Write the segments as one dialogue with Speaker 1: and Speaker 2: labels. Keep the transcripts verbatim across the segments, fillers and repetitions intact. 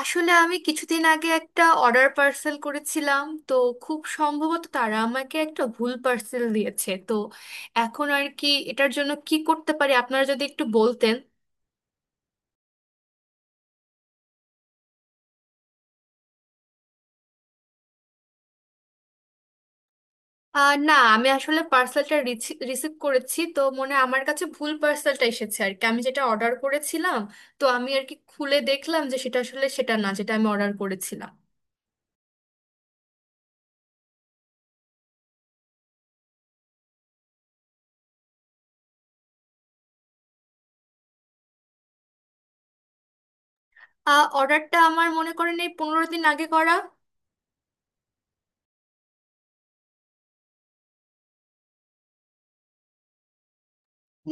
Speaker 1: আসলে আমি কিছুদিন আগে একটা অর্ডার পার্সেল করেছিলাম তো, খুব সম্ভবত তারা আমাকে একটা ভুল পার্সেল দিয়েছে। তো এখন আর কি এটার জন্য কি করতে পারি আপনারা যদি একটু বলতেন। আহ না, আমি আসলে পার্সেলটা রিসিভ করেছি, তো মনে হয় আমার কাছে ভুল পার্সেলটা এসেছে আর কি। আমি যেটা অর্ডার করেছিলাম, তো আমি আর কি খুলে দেখলাম যে সেটা আসলে সেটা না যেটা আমি অর্ডার করেছিলাম। আহ অর্ডারটা আমার মনে করেন এই পনেরো দিন আগে করা।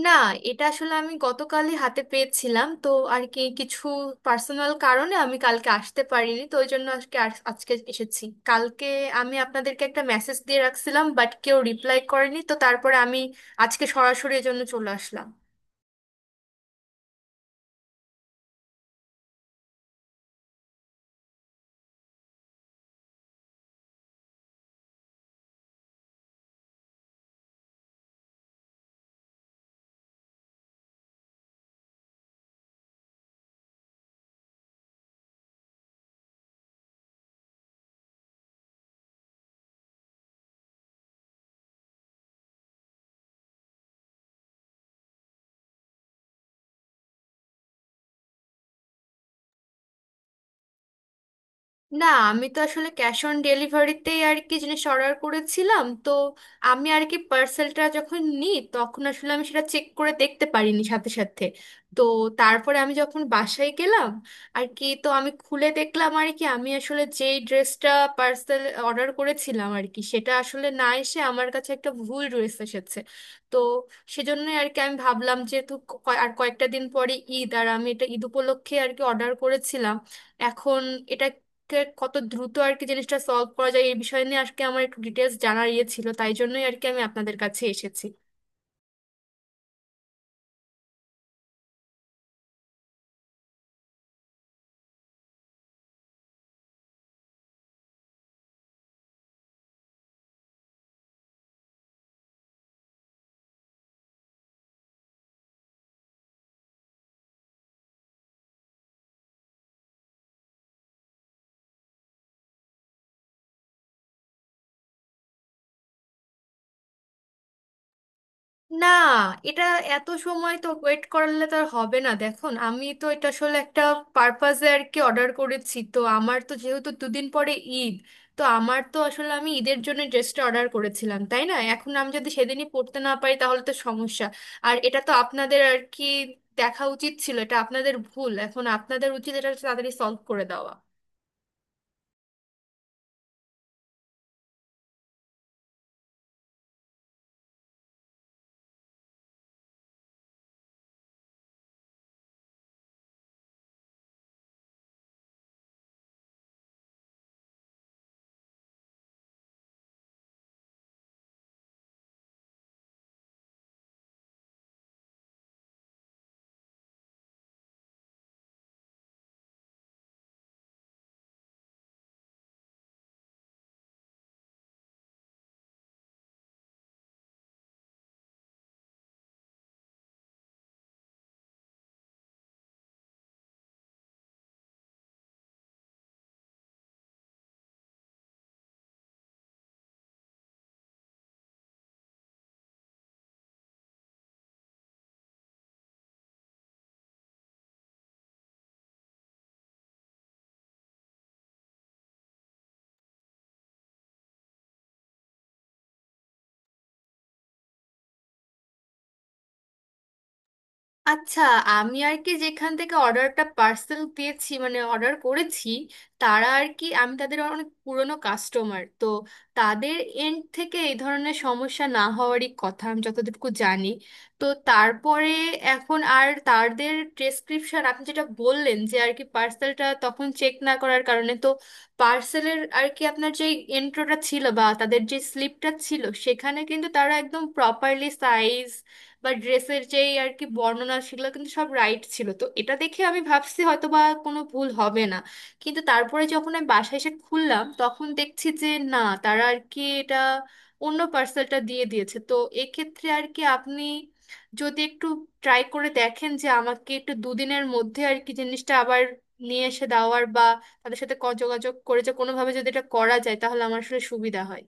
Speaker 1: না, এটা আসলে আমি গতকালই হাতে পেয়েছিলাম। তো আর কি কিছু পার্সোনাল কারণে আমি কালকে আসতে পারিনি, তো ওই জন্য আজকে আস- আজকে এসেছি। কালকে আমি আপনাদেরকে একটা মেসেজ দিয়ে রাখছিলাম, বাট কেউ রিপ্লাই করেনি, তো তারপরে আমি আজকে সরাসরি এজন্য চলে আসলাম। না, আমি তো আসলে ক্যাশ অন ডেলিভারিতেই আর কি জিনিস অর্ডার করেছিলাম। তো আমি আর কি পার্সেলটা যখন নিই তখন আসলে আমি সেটা চেক করে দেখতে পারিনি সাথে সাথে। তো তারপরে আমি যখন বাসায় গেলাম আর কি, তো আমি খুলে দেখলাম আর কি আমি আসলে যেই ড্রেসটা পার্সেল অর্ডার করেছিলাম আর কি, সেটা আসলে না এসে আমার কাছে একটা ভুল ড্রেস এসেছে। তো সেজন্যই আর কি আমি ভাবলাম, যেহেতু ক- আর কয়েকটা দিন পরে ঈদ আর আমি এটা ঈদ উপলক্ষে আর কি অর্ডার করেছিলাম, এখন এটা কে- কত দ্রুত আর কি জিনিসটা সলভ করা যায় এই বিষয় নিয়ে আজকে আমার একটু ডিটেলস জানার ইয়ে ছিল, তাই জন্যই আর কি আমি আপনাদের কাছে এসেছি। না, এটা এত সময় তো ওয়েট করলে তো আর হবে না। দেখুন, আমি তো এটা আসলে একটা পারপাজে আর কি অর্ডার করেছি, তো আমার তো যেহেতু দুদিন পরে ঈদ, তো আমার তো আসলে আমি ঈদের জন্য ড্রেসটা অর্ডার করেছিলাম, তাই না? এখন আমি যদি সেদিনই পরতে না পারি তাহলে তো সমস্যা। আর এটা তো আপনাদের আর কি দেখা উচিত ছিল, এটা আপনাদের ভুল, এখন আপনাদের উচিত এটা তাড়াতাড়ি সলভ করে দেওয়া। আচ্ছা, আমি আর কি যেখান থেকে অর্ডারটা পার্সেল দিয়েছি, মানে অর্ডার করেছি, তারা আর কি, আমি তাদের অনেক পুরনো কাস্টমার, তো তাদের এন্ড থেকে এই ধরনের সমস্যা না হওয়ারই কথা আমি যতটুকু জানি। তো তারপরে এখন আর তাদের প্রেসক্রিপশন আপনি যেটা বললেন যে আর কি পার্সেলটা তখন চেক না করার কারণে, তো পার্সেলের আর কি আপনার যে এন্ট্রোটা ছিল বা তাদের যে স্লিপটা ছিল, সেখানে কিন্তু তারা একদম প্রপারলি সাইজ বা ড্রেসের যেই আর কি বর্ণনা, সেগুলো কিন্তু সব রাইট ছিল। তো এটা দেখে আমি ভাবছি হয়তো বা কোনো ভুল হবে না। কিন্তু তারপরে যখন আমি বাসায় এসে খুললাম তখন দেখছি যে না, তারা আর কি এটা অন্য পার্সেলটা দিয়ে দিয়েছে। তো এক্ষেত্রে আর কি আপনি যদি একটু ট্রাই করে দেখেন যে আমাকে একটু দুদিনের মধ্যে আর কি জিনিসটা আবার নিয়ে এসে দেওয়ার বা তাদের সাথে ক- যোগাযোগ করে যে কোনোভাবে যদি এটা করা যায় তাহলে আমার আসলে সুবিধা হয়।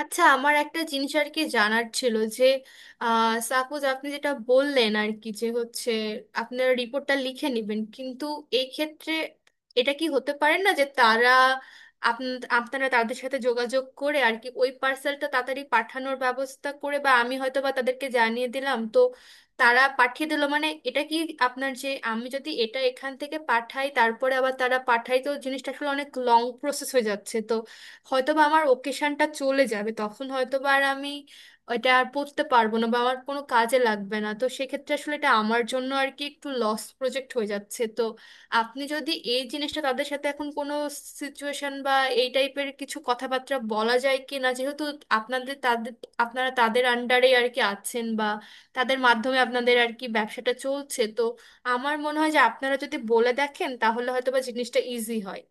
Speaker 1: আচ্ছা, আমার একটা জিনিস আর কি জানার ছিল যে সাপোজ আপনি যেটা বললেন আর কি যে হচ্ছে আপনারা রিপোর্টটা লিখে নেবেন, কিন্তু এই ক্ষেত্রে এটা কি হতে পারে না যে তারা আপন- আপনারা তাদের সাথে যোগাযোগ করে আর কি ওই পার্সেলটা তাড়াতাড়ি পাঠানোর ব্যবস্থা করে, বা আমি হয়তো বা তাদেরকে জানিয়ে দিলাম, তো তারা পাঠিয়ে দিলো, মানে এটা কি আপনার যে আমি যদি এটা এখান থেকে পাঠাই তারপরে আবার তারা পাঠাই, তো জিনিসটা আসলে অনেক লং প্রসেস হয়ে যাচ্ছে। তো হয়তো বা আমার ওকেশনটা চলে যাবে, তখন হয়তো বা আর আমি এটা আর পড়তে পারবো না বা আমার কোনো কাজে লাগবে না, তো সেক্ষেত্রে আসলে এটা আমার জন্য আর কি একটু লস প্রজেক্ট হয়ে যাচ্ছে। তো আপনি যদি এই জিনিসটা তাদের সাথে এখন কোনো সিচুয়েশন বা এই টাইপের কিছু কথাবার্তা বলা যায় কি না, যেহেতু আপনাদের তাদের, আপনারা তাদের আন্ডারে আর কি আছেন বা তাদের মাধ্যমে আপনাদের আর কি ব্যবসাটা চলছে, তো আমার মনে হয় যে আপনারা যদি বলে দেখেন তাহলে হয়তো বা জিনিসটা ইজি হয়।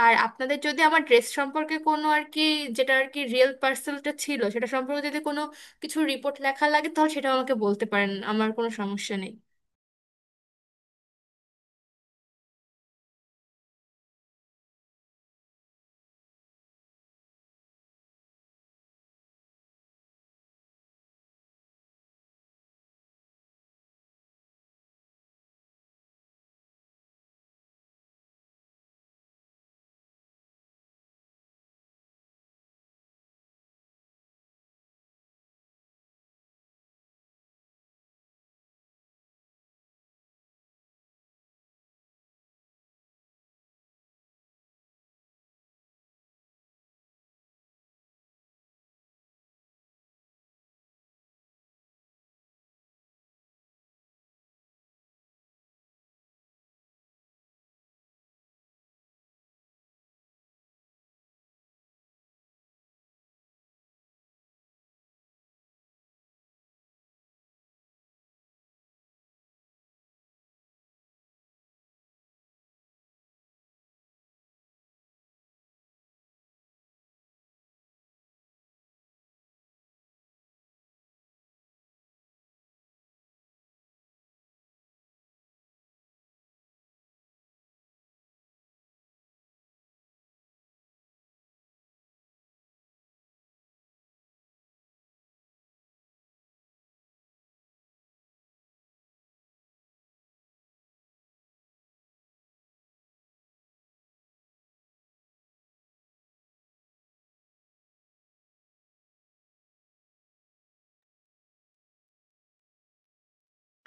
Speaker 1: আর আপনাদের যদি আমার ড্রেস সম্পর্কে কোনো আর কি, যেটা আর কি রিয়েল পার্সেলটা ছিল সেটা সম্পর্কে যদি কোনো কিছু রিপোর্ট লেখা লাগে তাহলে সেটাও আমাকে বলতে পারেন, আমার কোনো সমস্যা নেই।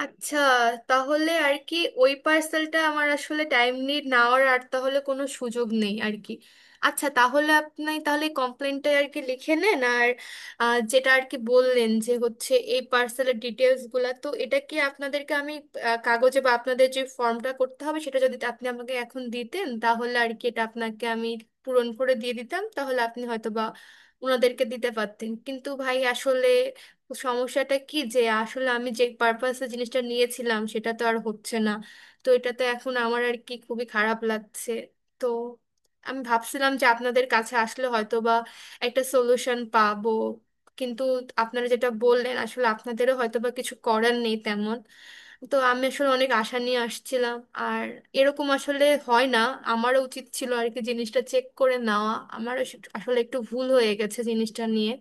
Speaker 1: আচ্ছা, তাহলে আর কি ওই পার্সেলটা আমার আসলে টাইম নিয়ে নেওয়ার আর তাহলে কোনো সুযোগ নেই আর কি। আচ্ছা, তাহলে আপনি তাহলে কমপ্লেনটা আর কি লিখে নেন। আর আহ, যেটা আর কি বললেন যে হচ্ছে এই পার্সেলের ডিটেলসগুলো, তো এটা কি আপনাদেরকে আমি আহ, কাগজে বা আপনাদের যে ফর্মটা করতে হবে সেটা যদি আপনি আমাকে এখন দিতেন তাহলে আর কি এটা আপনাকে আমি পূরণ করে দিয়ে দিতাম, তাহলে আপনি হয়তো বা ওনাদেরকে দিতে পারতেন। কিন্তু ভাই আসলে সমস্যাটা কি, যে আসলে আমি যে পারপাসে জিনিসটা নিয়েছিলাম সেটা তো আর হচ্ছে না। তো এটা তো এখন আমার আর কি খুবই খারাপ লাগছে। তো আমি ভাবছিলাম যে আপনাদের কাছে আসলে হয়তো বা একটা সলিউশন পাবো, কিন্তু আপনারা যেটা বললেন আসলে আপনাদেরও হয়তো বা কিছু করার নেই তেমন। তো আমি আসলে অনেক আশা নিয়ে আসছিলাম, আর এরকম আসলে হয় না। আমারও উচিত ছিল আর কি জিনিসটা চেক করে নেওয়া, আমারও আসলে একটু ভুল হয়ে গেছে জিনিসটা নিয়ে।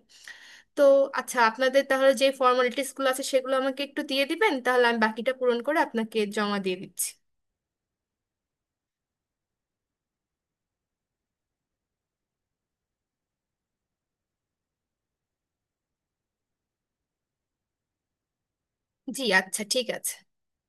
Speaker 1: তো আচ্ছা, আপনাদের তাহলে যে ফর্মালিটিস গুলো আছে সেগুলো আমাকে একটু দিয়ে দিবেন, তাহলে আমি বাকিটা পূরণ করে আপনাকে জমা দিয়ে দিচ্ছি। জি, আচ্ছা, ঠিক আছে।